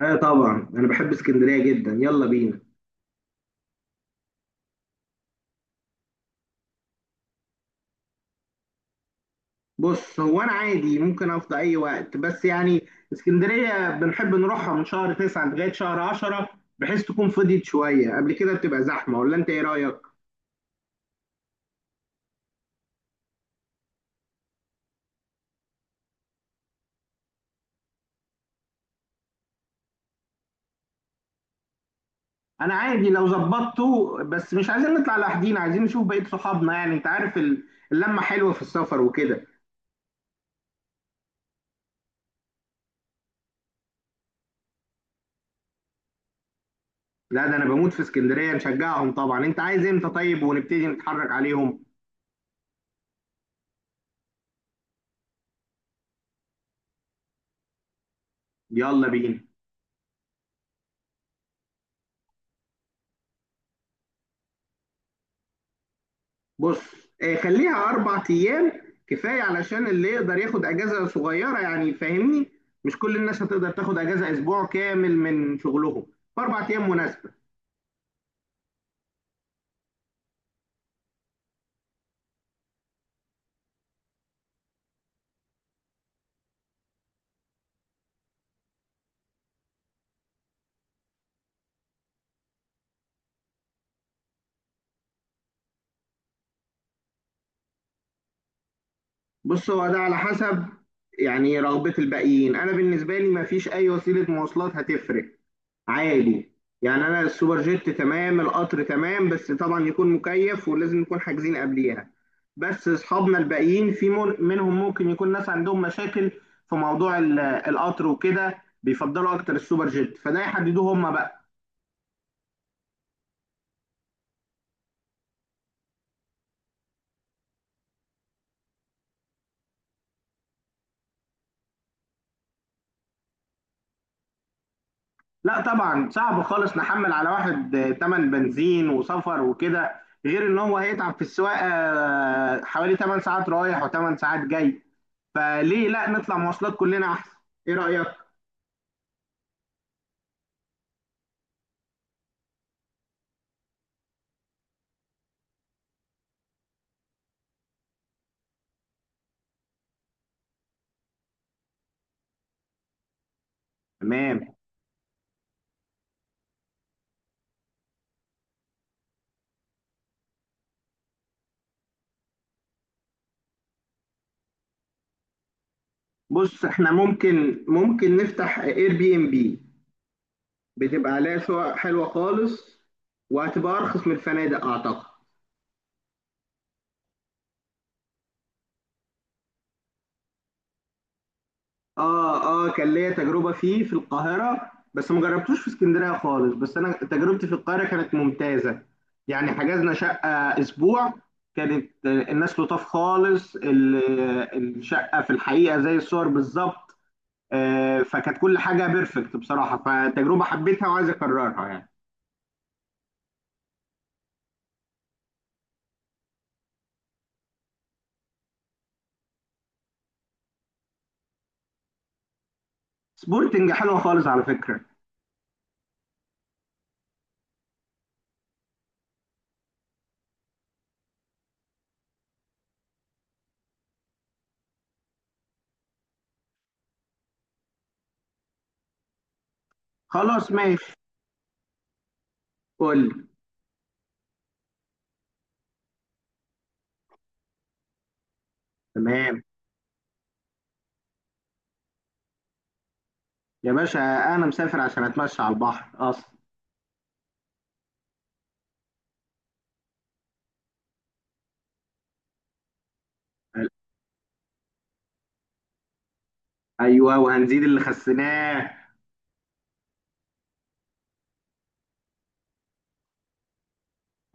اه طبعا انا بحب اسكندريه جدا، يلا بينا. بص، هو انا عادي ممكن افضى اي وقت، بس يعني اسكندريه بنحب نروحها من شهر تسعة لغايه شهر عشرة، بحيث تكون فضيت شويه قبل كده بتبقى زحمه. ولا انت ايه رايك؟ انا عادي لو ظبطته، بس مش عايزين نطلع لوحدينا، عايزين نشوف بقيه صحابنا. يعني انت عارف اللمه حلوه في السفر وكده. لا، ده انا بموت في اسكندريه، نشجعهم طبعا. انت عايز امتى طيب ونبتدي نتحرك عليهم؟ يلا بينا. بص، خليها اربع ايام، كفايه علشان اللي يقدر ياخد اجازه صغيره، يعني فاهمني؟ مش كل الناس هتقدر تاخد اجازه اسبوع كامل من شغلهم، فاربع ايام مناسبه. بص، هو ده على حسب، يعني رغبه الباقيين. انا بالنسبه لي ما فيش اي وسيله مواصلات هتفرق، عادي. يعني انا السوبر جيت تمام، القطر تمام، بس طبعا يكون مكيف ولازم نكون حاجزين قبليها. بس اصحابنا الباقيين في منهم ممكن يكون ناس عندهم مشاكل في موضوع القطر وكده، بيفضلوا اكتر السوبر جيت، فده يحددوه هم بقى. لا طبعا، صعب خالص نحمل على واحد تمن بنزين وسفر وكده، غير ان هو هيتعب في السواقه حوالي 8 ساعات رايح و8 ساعات جاي. فليه لا نطلع مواصلات كلنا احسن؟ ايه رايك؟ تمام. بص، احنا ممكن نفتح اير بي ام بي، بتبقى عليها شقق حلوه خالص، وهتبقى ارخص من الفنادق اعتقد. اه اه، كان ليا تجربه فيه في القاهره، بس ما جربتوش في اسكندريه خالص. بس انا تجربتي في القاهره كانت ممتازه، يعني حجزنا شقه اسبوع، كانت الناس لطاف خالص، الشقه في الحقيقه زي الصور بالظبط. فكانت كل حاجه بيرفكت بصراحه، فتجربه حبيتها وعايز اكررها يعني. سبورتنج حلوه خالص على فكره. خلاص ماشي. فل. تمام يا باشا، انا مسافر عشان اتمشى على البحر اصلا. قال، ايوه، وهنزيد اللي خسيناه.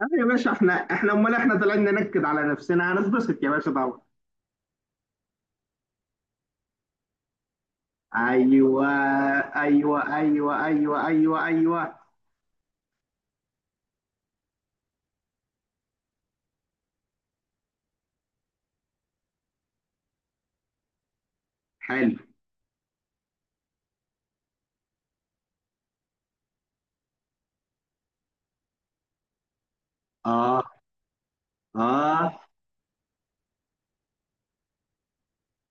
اه يا باشا، احنا امال احنا طالعين ننكد على نفسنا؟ هنتبسط يا باشا طبعا. ايوه، ايوه، ايوه، ايوه، ايوه، ايوه، حلو. اه اه،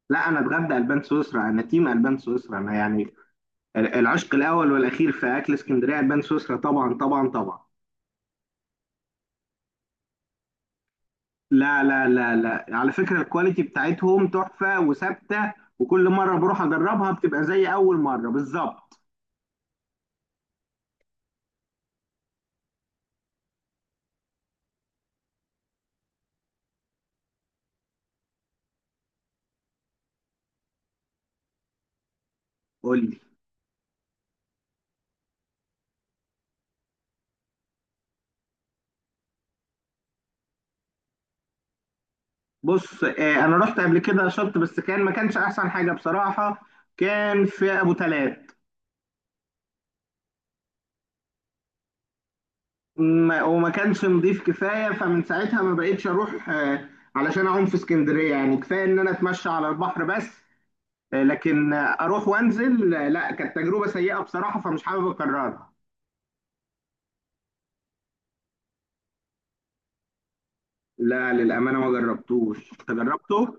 لا، انا اتغدى البان سويسرا، انا تيم البان سويسرا انا، يعني العشق الاول والاخير في اكل اسكندريه البان سويسرا، طبعا طبعا طبعا. لا لا لا لا، على فكرة الكواليتي بتاعتهم تحفة وثابتة، وكل مرة بروح أجربها بتبقى زي أول مرة بالظبط. قول لي. بص، أنا رحت قبل كده شط، بس كان ما كانش أحسن حاجة بصراحة، كان في أبو تلات. وما كانش نضيف كفاية، فمن ساعتها ما بقيتش أروح. علشان أعوم في اسكندرية، يعني كفاية إن أنا أتمشى على البحر بس. لكن أروح وأنزل، لا، كانت تجربة سيئة بصراحة، فمش حابب أكررها. لا للأمانة ما جربتوش، أنت جربته؟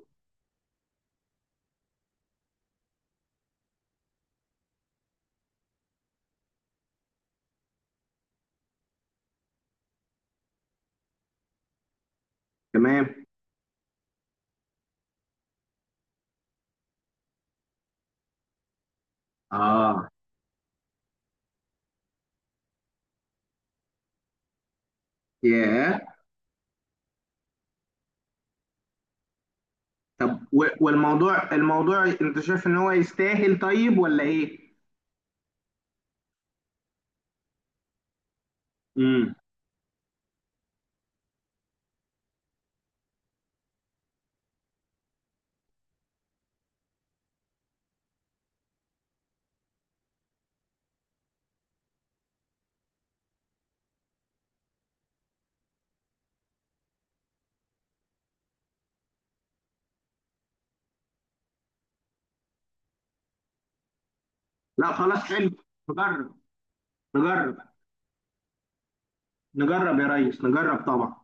تمام. اه. ياه. طب، والموضوع، الموضوع انت شايف ان هو يستاهل طيب ولا ايه؟ امم لا خلاص، حلو. نجرب، نجرب، نجرب يا ريس، نجرب طبعا.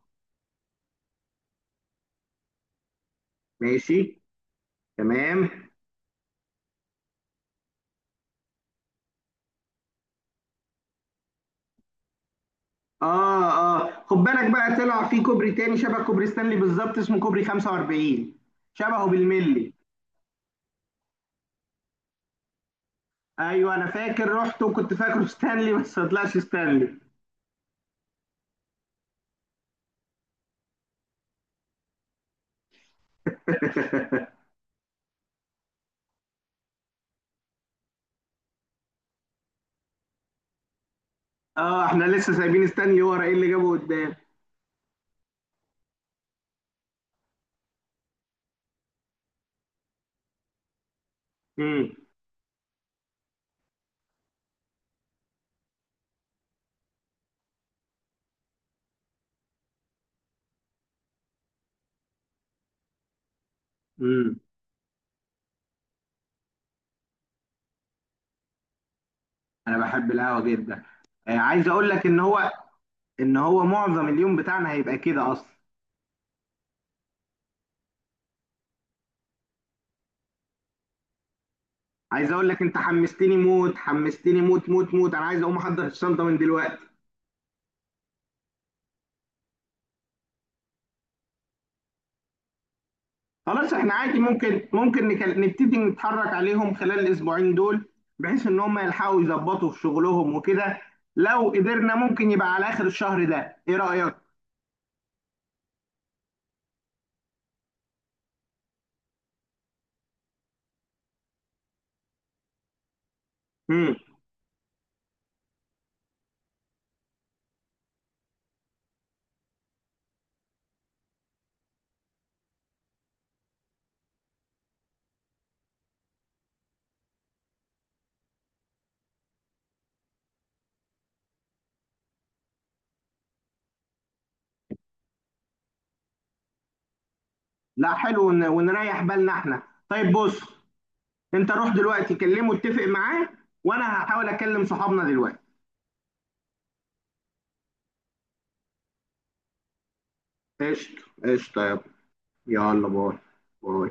ماشي، تمام. اه اه، خد بالك بقى، طلع في كوبري تاني شبه كوبري ستانلي بالظبط، اسمه كوبري 45، شبهه بالملي. ايوه، انا فاكر رحت وكنت فاكره ستانلي، بس ما طلعش ستانلي. اه، احنا لسه سايبين ستانلي ورا، ايه اللي جابه قدام؟ امم انا بحب القهوه جدا. عايز اقول لك ان هو معظم اليوم بتاعنا هيبقى كده اصلا. عايز اقول لك، انت حمستني موت، حمستني موت موت موت، انا عايز اقوم احضر الشنطه من دلوقتي. خلاص، احنا عادي ممكن نبتدي نتحرك عليهم خلال الاسبوعين دول، بحيث ان هم يلحقوا يظبطوا في شغلهم وكده. لو قدرنا ممكن يبقى على اخر الشهر ده، ايه رايك؟ امم لا حلو، ونريح بالنا احنا. طيب بص، انت روح دلوقتي كلمه اتفق معاه، وانا هحاول اكلم صحابنا دلوقتي. قشطة، قشطة يا ابني. يلا، باي. باي.